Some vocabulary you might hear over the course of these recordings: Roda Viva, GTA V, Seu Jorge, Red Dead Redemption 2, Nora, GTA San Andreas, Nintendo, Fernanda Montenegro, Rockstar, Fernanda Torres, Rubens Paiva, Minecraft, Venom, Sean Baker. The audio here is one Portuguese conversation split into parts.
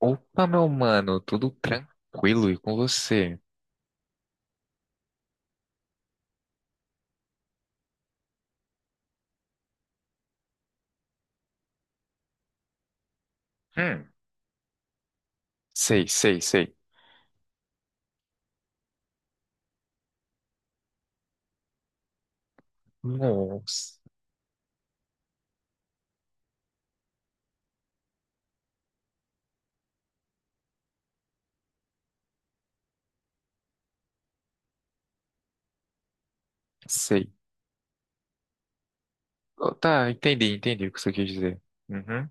Opa, meu mano, tudo tranquilo e com você? Hum, sei, sei, sei. Nossa, sei. Oh, tá, entendi, entendi o que você quis dizer. Uhum.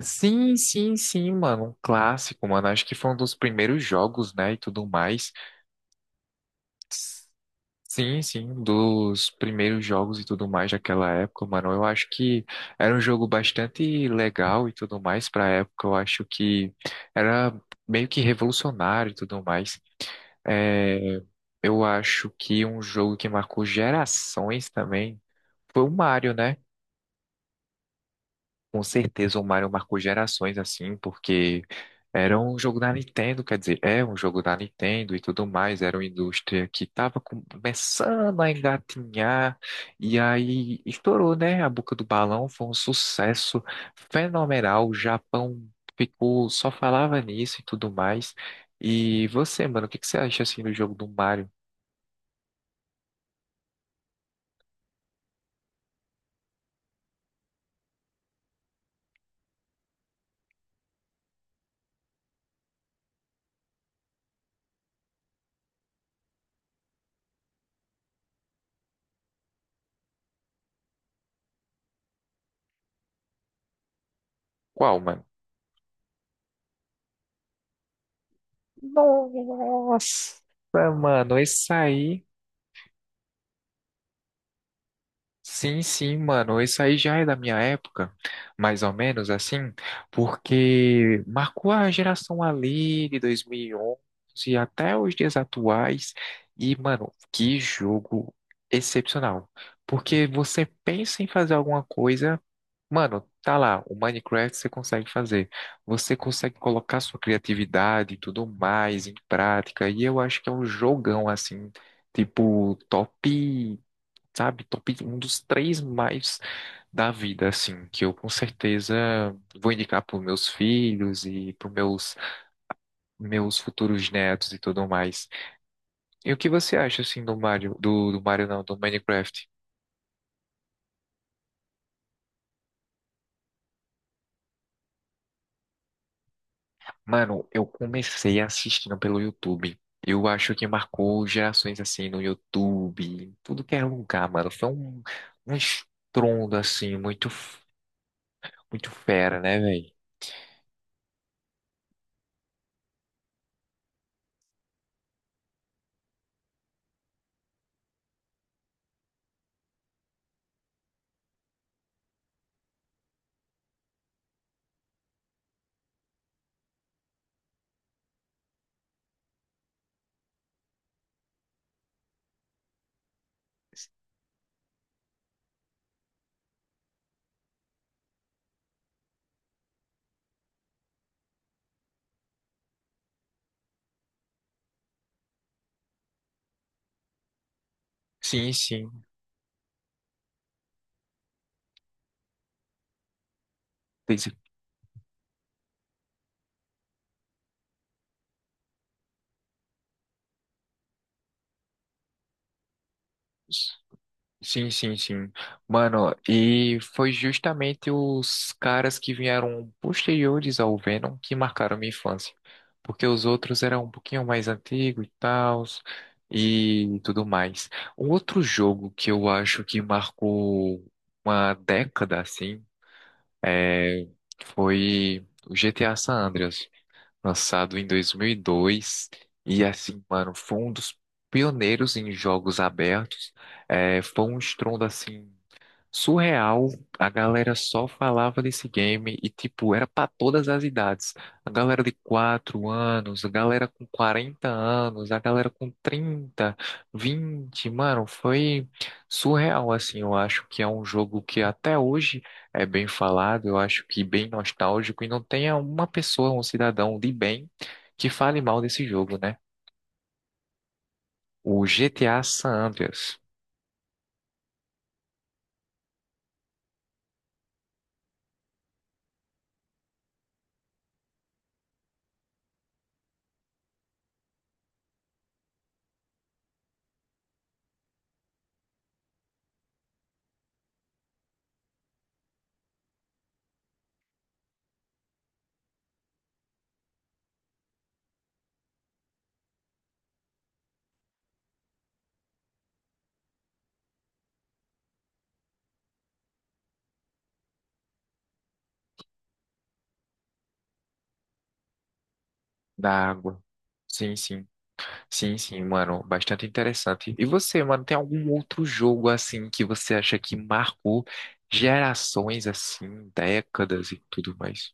Sim, sim, sim, mano, um clássico, mano. Acho que foi um dos primeiros jogos, né, e tudo mais. Sim, sim, dos primeiros jogos e tudo mais daquela época, mano. Eu acho que era um jogo bastante legal e tudo mais pra época. Eu acho que era meio que revolucionário e tudo mais. É, eu acho que um jogo que marcou gerações também foi o Mario, né? Com certeza o Mario marcou gerações assim, porque era um jogo da Nintendo, quer dizer, é um jogo da Nintendo e tudo mais, era uma indústria que estava começando a engatinhar, e aí estourou, né? A boca do balão foi um sucesso fenomenal, o Japão ficou, só falava nisso e tudo mais. E você, mano, o que que você acha assim do jogo do Mario? Qual, mano? Nossa, mano, esse aí. Sim, sim, mano. Isso aí já é da minha época, mais ou menos assim, porque marcou a geração ali de 2011 até os dias atuais. E, mano, que jogo excepcional. Porque você pensa em fazer alguma coisa, mano, tá lá, o Minecraft você consegue fazer. Você consegue colocar sua criatividade e tudo mais em prática. E eu acho que é um jogão assim, tipo, top, sabe? Top um dos três mais da vida, assim, que eu com certeza vou indicar para meus filhos e para meus futuros netos e tudo mais. E o que você acha, assim, do Mario, do Mario não, do Minecraft? Mano, eu comecei assistindo pelo YouTube. Eu acho que marcou gerações assim no YouTube, em tudo que era lugar, mano. Foi um estrondo assim, muito, muito fera, né, velho? Sim, sim. Tem- Sim, sim, sim. Mano, e foi justamente os caras que vieram posteriores ao Venom que marcaram minha infância. Porque os outros eram um pouquinho mais antigos e tal, e tudo mais. Um outro jogo que eu acho que marcou uma década, assim, é, foi o GTA San Andreas lançado em 2002. E dois. E assim, mano, foi um dos pioneiros em jogos abertos. É, foi um estrondo assim, surreal, a galera só falava desse game e, tipo, era pra todas as idades. A galera de 4 anos, a galera com 40 anos, a galera com 30, 20, mano, foi surreal, assim. Eu acho que é um jogo que até hoje é bem falado, eu acho que bem nostálgico e não tem uma pessoa, um cidadão de bem que fale mal desse jogo, né? O GTA San Andreas, da água. Sim, sim. Sim, sim, mano, bastante interessante. E você, mano, tem algum outro jogo assim que você acha que marcou gerações assim, décadas e tudo mais?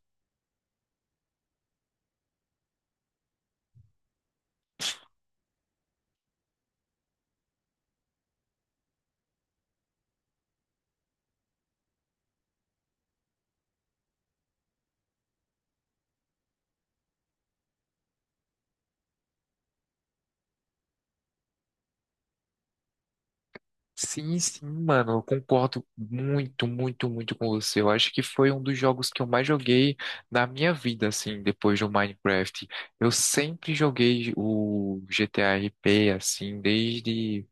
Sim, sim, mano, eu concordo muito, muito, muito com você. Eu acho que foi um dos jogos que eu mais joguei na minha vida, assim, depois do Minecraft. Eu sempre joguei o GTA P assim, desde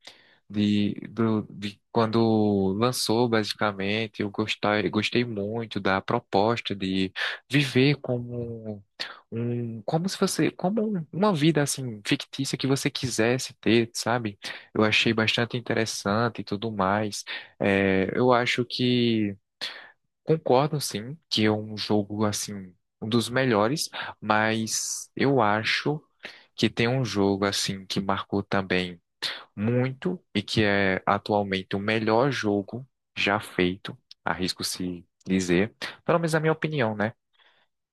de quando lançou, basicamente, eu gostei, gostei muito da proposta de viver como um, como se você, como uma vida assim fictícia que você quisesse ter, sabe? Eu achei bastante interessante e tudo mais. É, eu acho que concordo sim que é um jogo assim um dos melhores, mas eu acho que tem um jogo assim que marcou também muito e que é atualmente o melhor jogo já feito, arrisco se dizer, pelo menos na minha opinião, né?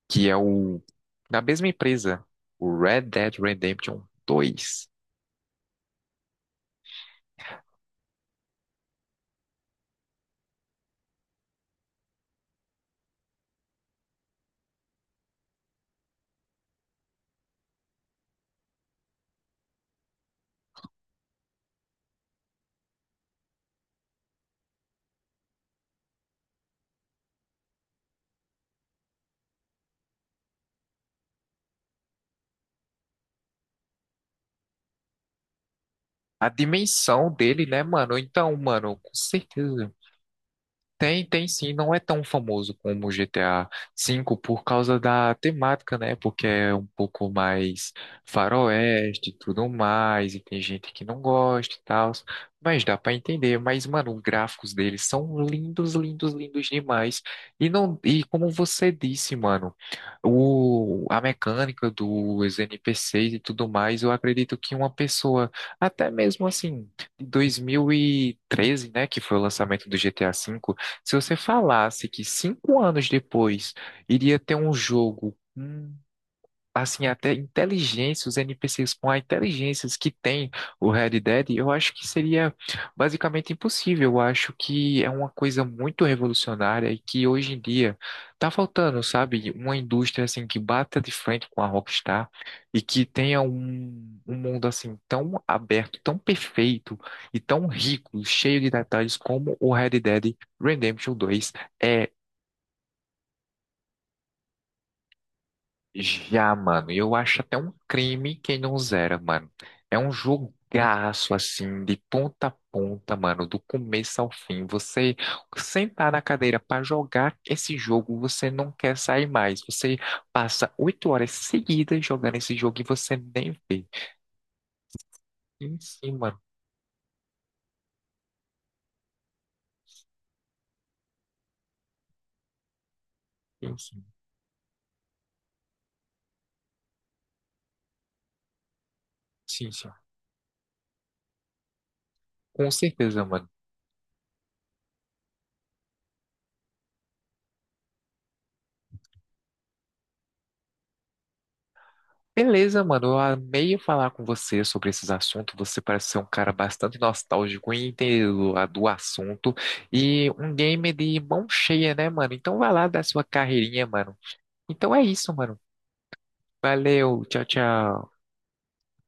Que é o da mesma empresa, o Red Dead Redemption dois. A dimensão dele, né, mano? Então, mano, com certeza. Tem, tem sim, não é tão famoso como o GTA V por causa da temática, né? Porque é um pouco mais faroeste e tudo mais, e tem gente que não gosta e tal, mas dá pra entender. Mas, mano, os gráficos deles são lindos, lindos, lindos demais. E não, e como você disse, mano, a mecânica dos NPCs e tudo mais, eu acredito que uma pessoa, até mesmo assim, de 2013, né, que foi o lançamento do GTA V. Se você falasse que 5 anos depois iria ter um jogo assim, até inteligência, os NPCs com a inteligência que tem o Red Dead, eu acho que seria basicamente impossível. Eu acho que é uma coisa muito revolucionária e que hoje em dia tá faltando, sabe? Uma indústria assim que bata de frente com a Rockstar e que tenha um mundo assim tão aberto, tão perfeito e tão rico, cheio de detalhes como o Red Dead Redemption 2. Já, mano. E eu acho até um crime quem não zera, mano. É um jogaço, assim, de ponta a ponta, mano, do começo ao fim. Você sentar na cadeira pra jogar esse jogo, você não quer sair mais. Você passa 8 horas seguidas jogando esse jogo e você nem vê. Sim, sim, mano. Sim, sim. Sim, sim. Com certeza, mano. Beleza, mano. Eu amei falar com você sobre esses assuntos. Você parece ser um cara bastante nostálgico e inteiro do assunto. E um gamer de mão cheia, né, mano? Então vai lá dar sua carreirinha, mano. Então é isso, mano. Valeu, tchau, tchau.